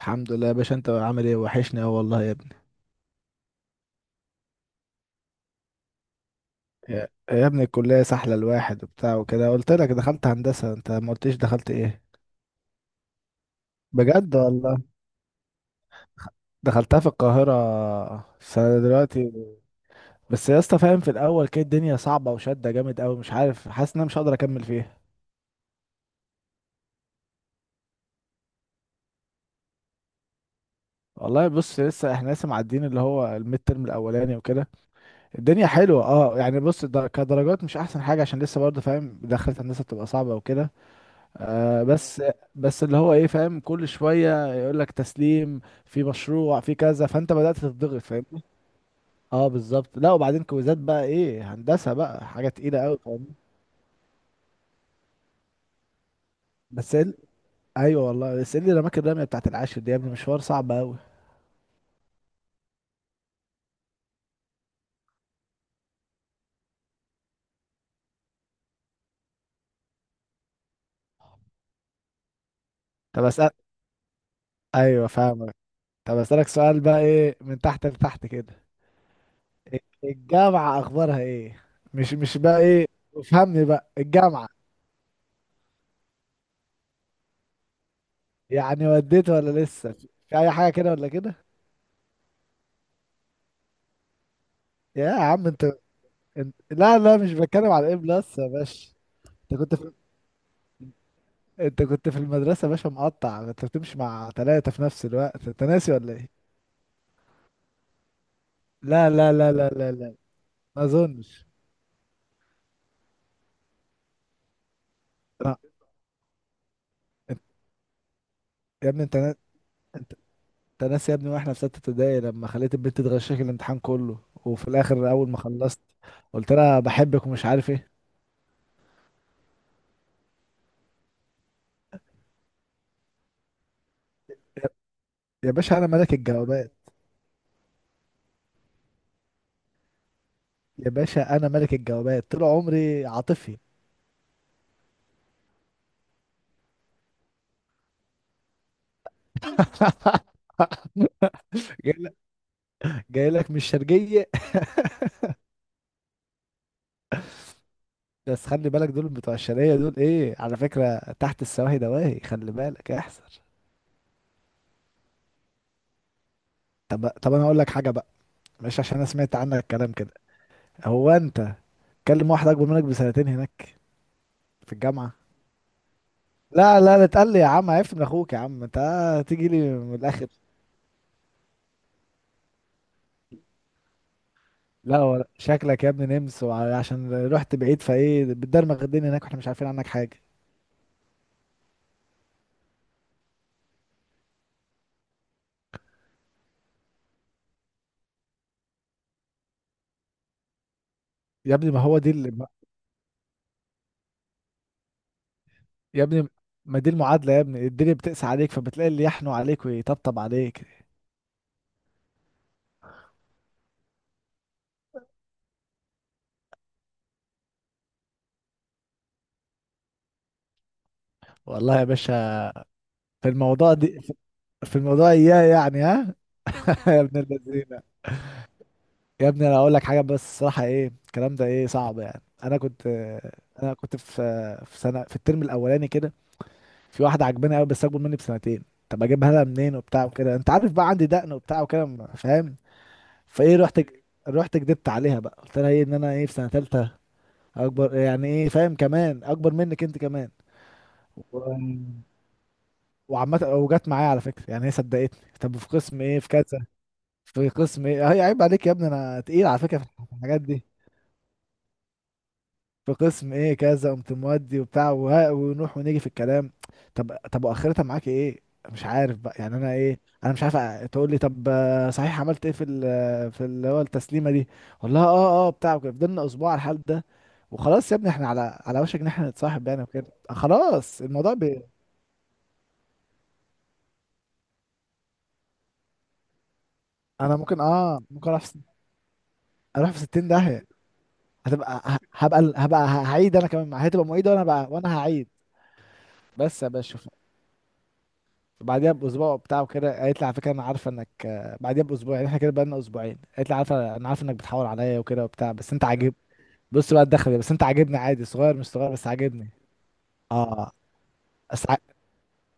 الحمد لله يا باشا، انت عامل ايه؟ وحشني اه والله يا ابني. يا ابني الكلية سحلة الواحد وبتاع وكده. قلت لك دخلت هندسة، انت ما قلتش دخلت ايه؟ بجد والله. دخلتها في القاهرة السنة دلوقتي. بس يا اسطى، فاهم، في الاول كده الدنيا صعبة وشدة جامد قوي، مش عارف، حاسس ان انا مش هقدر اكمل فيها. والله بص، لسه احنا لسه معديين اللي هو الميد ترم الاولاني وكده. الدنيا حلوة اه يعني، بص، كدرجات مش احسن حاجة عشان لسه برضه، فاهم، دخلت هندسة بتبقى صعبة وكده. آه بس. بس اللي هو ايه، فاهم، كل شويه يقول لك تسليم في مشروع في كذا، فانت بدات تتضغط، فاهم. اه بالظبط. لا وبعدين كويزات بقى، ايه، هندسه بقى حاجه تقيله قوي، فاهم. بس ال... ايوه والله. بس ايه اللي رماك الرميه بتاعت العاشر دي يا ابني؟ مشوار صعب قوي. طب اسال ايوه فاهمك. طب اسالك سؤال بقى، ايه من تحت لتحت كده الجامعه اخبارها ايه؟ مش بقى ايه، افهمني بقى الجامعه يعني، وديت ولا لسه في اي حاجه كده ولا كده؟ يا عم انت، لا لا، مش بتكلم على ايه بلس يا باشا. انت كنت في... انت كنت في المدرسة يا باشا مقطع، انت بتمشي مع ثلاثة في نفس الوقت، انت ناسي ولا ايه؟ لا لا لا لا لا لا، ما اظنش. لا. انت... يا ابني انت نا... انت انت ناسي يا ابني واحنا في ستة ابتدائي لما خليت البنت تغشك الامتحان كله، وفي الاخر اول ما خلصت قلت لها بحبك ومش عارف ايه؟ يا باشا انا ملك الجوابات. يا باشا انا ملك الجوابات، طول عمري عاطفي. جاي لك، جاي لك مش شرجية. بس خلي بالك، دول بتوع الشرقية دول، ايه على فكرة، تحت السواهي دواهي، خلي بالك احذر. طب انا اقول لك حاجة بقى، مش عشان انا سمعت عنك الكلام كده. هو انت تكلم واحد اكبر منك بسنتين هناك في الجامعة؟ لا لا لا، تقل لي يا عم؟ عرفت من اخوك يا عم انت، تيجي لي من الاخر. لا، ولا شكلك يا ابني نمس، عشان رحت بعيد فايه بتدرمغ الدنيا هناك واحنا مش عارفين عنك حاجة. يا ابني ما هو دي اللي يا ابني ما دي المعادلة، يا ابني الدنيا بتقسى عليك فبتلاقي اللي يحنوا عليك ويطبطب عليك. والله يا باشا، في الموضوع دي، في الموضوع اياه يعني، ها؟ يا ابن اللذينه، يا ابني انا اقول لك حاجه بس الصراحه، ايه الكلام ده، ايه صعب يعني. انا كنت في سنه، في الترم الاولاني كده، في واحده عجباني قوي بس اكبر مني بسنتين. طب اجيبها لها منين وبتاع وكده؟ انت عارف بقى عندي دقن وبتاع وكده فاهم. فايه رحت كدبت عليها بقى، قلت لها ايه ان انا ايه في سنه ثالثه، اكبر يعني، ايه فاهم، كمان اكبر منك انت كمان. و... وعامه وجت معايا على فكره، يعني هي صدقتني. طب في قسم ايه، في كذا، في قسم ايه. هي عيب عليك يا ابني، انا تقيل على فكره في الحاجات دي. في قسم ايه كذا، قمت مودي وبتاع وها، ونروح ونيجي في الكلام. طب واخرتها معاك ايه؟ مش عارف بقى يعني، انا ايه، انا مش عارف تقول لي طب صحيح عملت ايه في في اللي هو التسليمه دي؟ والله، بتاع وكده. فضلنا اسبوع على الحال ده، وخلاص يا ابني احنا على وشك ان احنا نتصاحب يعني، وكده خلاص الموضوع انا ممكن، ممكن اروح في اروح في 60 داهيه. هتبقى ه- هبقى هبقى هعيد انا كمان، هتبقى معيد وانا بقى وانا هعيد. بس يا باشا، بعديها باسبوع بتاعه كده، قالت لي على فكره انا عارفه انك بعديها باسبوع يعني احنا كده بقالنا اسبوعين، قالت لي عارفه، انا عارفه انك بتحاول عليا وكده وبتاع بس انت عاجب. بص بقى، الدخله دي بس، انت عاجبني، عادي صغير مش صغير بس عاجبني. اه. بس ع-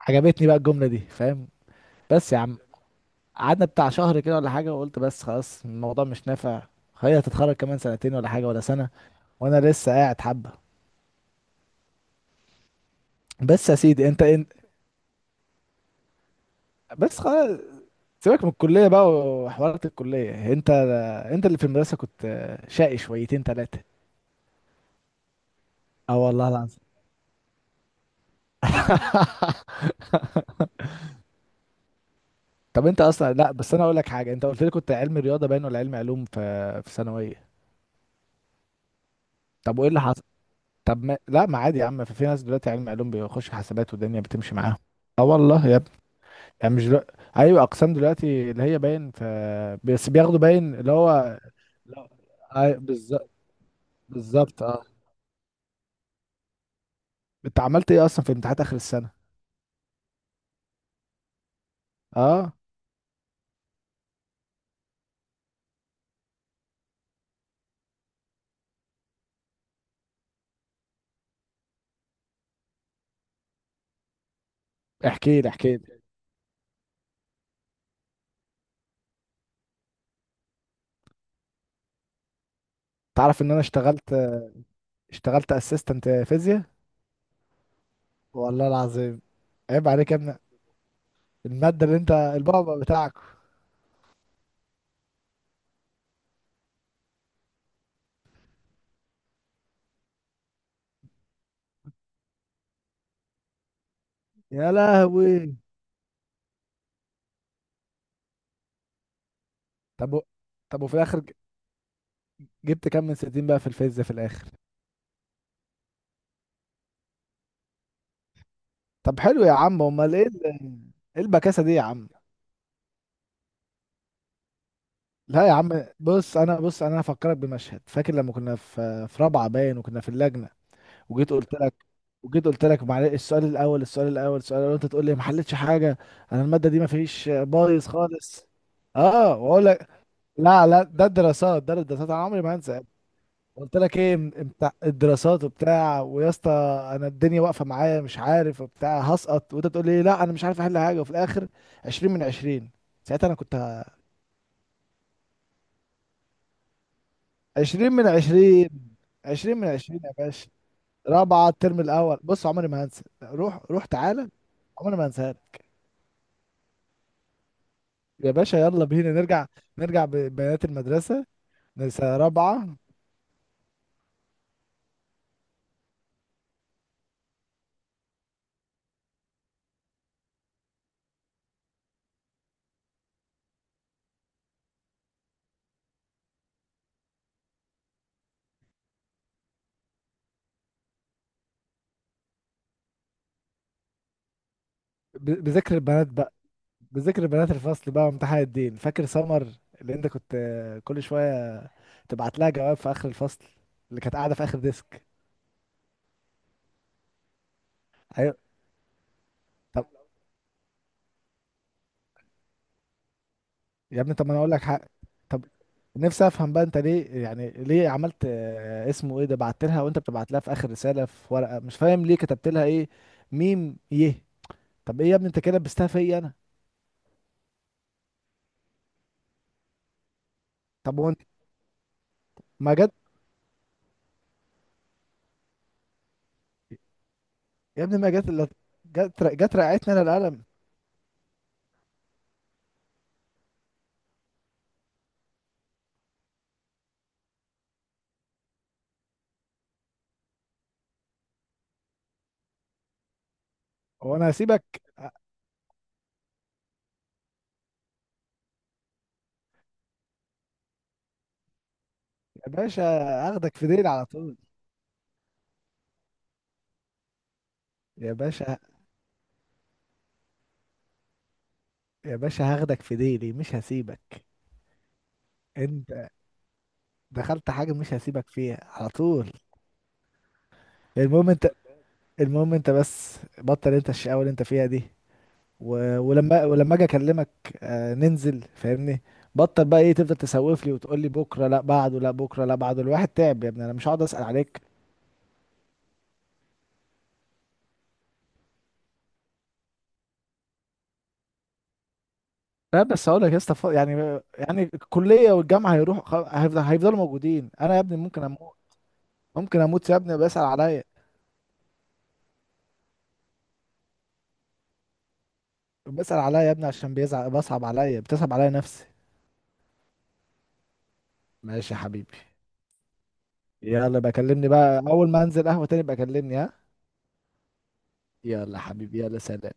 عجبتني بقى الجمله دي، فاهم. بس يا عم، قعدنا بتاع شهر كده ولا حاجه، وقلت بس خلاص الموضوع مش نافع، هي هتتخرج كمان سنتين ولا حاجه ولا سنه، وانا لسه قاعد حبه. بس يا سيدي، انت بس خلاص، سيبك من الكليه بقى وحوارات الكليه. انت اللي في المدرسه كنت، شقي شويتين ثلاثه، اه والله العظيم. طب انت اصلا، لا بس انا اقول لك حاجه، انت قلت لي كنت علم رياضه باين ولا علم علوم في ثانويه؟ طب وايه اللي حصل؟ طب ما... لا، ما عادي يا عم، في ناس دلوقتي علم علوم بيخش حسابات والدنيا بتمشي معاهم، اه والله يا ابني. يعني مش دلوقتي... ايوه، اقسام دلوقتي اللي هي باين، بس بياخدوا باين اللي هو، لا، اي بالظبط، بالظبط اه. انت عملت ايه اصلا في امتحانات اخر السنه؟ اه، احكي لي احكي لي. تعرف ان انا اشتغلت اسيستنت فيزياء. والله العظيم، عيب عليك يا ابني، المادة اللي انت البعبع بتاعك. يا لهوي. طب و- طب وفي الاخر جبت كام من 60 بقى في الفيزياء في الاخر؟ طب حلو يا عم، امال ايه ايه البكاسة دي يا عم؟ لا يا عم بص، انا بص، انا هفكرك بمشهد، فاكر لما كنا في رابعة باين وكنا في اللجنة؟ وجيت قلت لك وجيت قلت لك معلش السؤال الاول، السؤال الاول، السؤال الاول، انت تقول لي ما حلتش حاجة، انا المادة دي ما فيش بايظ خالص اه، واقول لك لا لا ده الدراسات، ده الدراسات انا عمري ما هنسى، قلت لك ايه بتاع الدراسات وبتاع، ويا اسطى انا الدنيا واقفه معايا مش عارف وبتاع هسقط، وانت تقول لي لا انا مش عارف احل حاجه، وفي الاخر 20 من 20. ساعتها انا كنت 20 من 20، 20 من 20 يا باشا، رابعه الترم الاول، بص عمري ما هنسى. روح روح تعالى، عمري ما هنساها لك. يا باشا يلا بينا نرجع ببنات المدرسه، نسا رابعه، بذكر البنات بقى، بذكر بنات الفصل بقى، وامتحان الدين فاكر سمر اللي انت كنت كل شويه تبعت لها جواب في اخر الفصل اللي كانت قاعده في اخر ديسك؟ ايوه طب، يا ابني طب ما انا اقول لك حق، طب نفسي افهم بقى، انت ليه يعني، ليه عملت اسمه ايه ده، بعت لها وانت بتبعت لها في اخر رساله في ورقه، مش فاهم ليه كتبت لها ايه، ميم يه. طب ايه يا ابني، انت كده لبستها فيا انا. طب وانت، ما جت يا ابني، ما جت الا، جت رقعتني انا القلم. هو انا هسيبك؟ آه، يا باشا هاخدك في ديلي على طول. يا باشا، يا باشا هاخدك في ديلي مش هسيبك. انت دخلت حاجة مش هسيبك فيها على طول. المهم انت، المهم انت بس بطل انت الشقاوة اللي انت فيها دي، ولما اجي اكلمك، آه ننزل فاهمني. بطل بقى ايه تفضل تسوف لي وتقول لي بكره لا بعده لا بكره لا بعده، الواحد تعب يا ابني، انا مش هقعد اسال عليك. لا بس هقول لك يا اسطى، يعني الكليه والجامعه هيروح، هيفضلوا موجودين، انا يا ابني ممكن اموت، ممكن اموت يا ابني، بسال عليا، بسال عليا يا ابني، عشان بيزعق بصعب عليا، بتصعب عليا نفسي. ماشي يا حبيبي، يلا بكلمني بقى اول ما انزل قهوة تاني بكلمني، ها؟ يلا حبيبي يلا، سلام.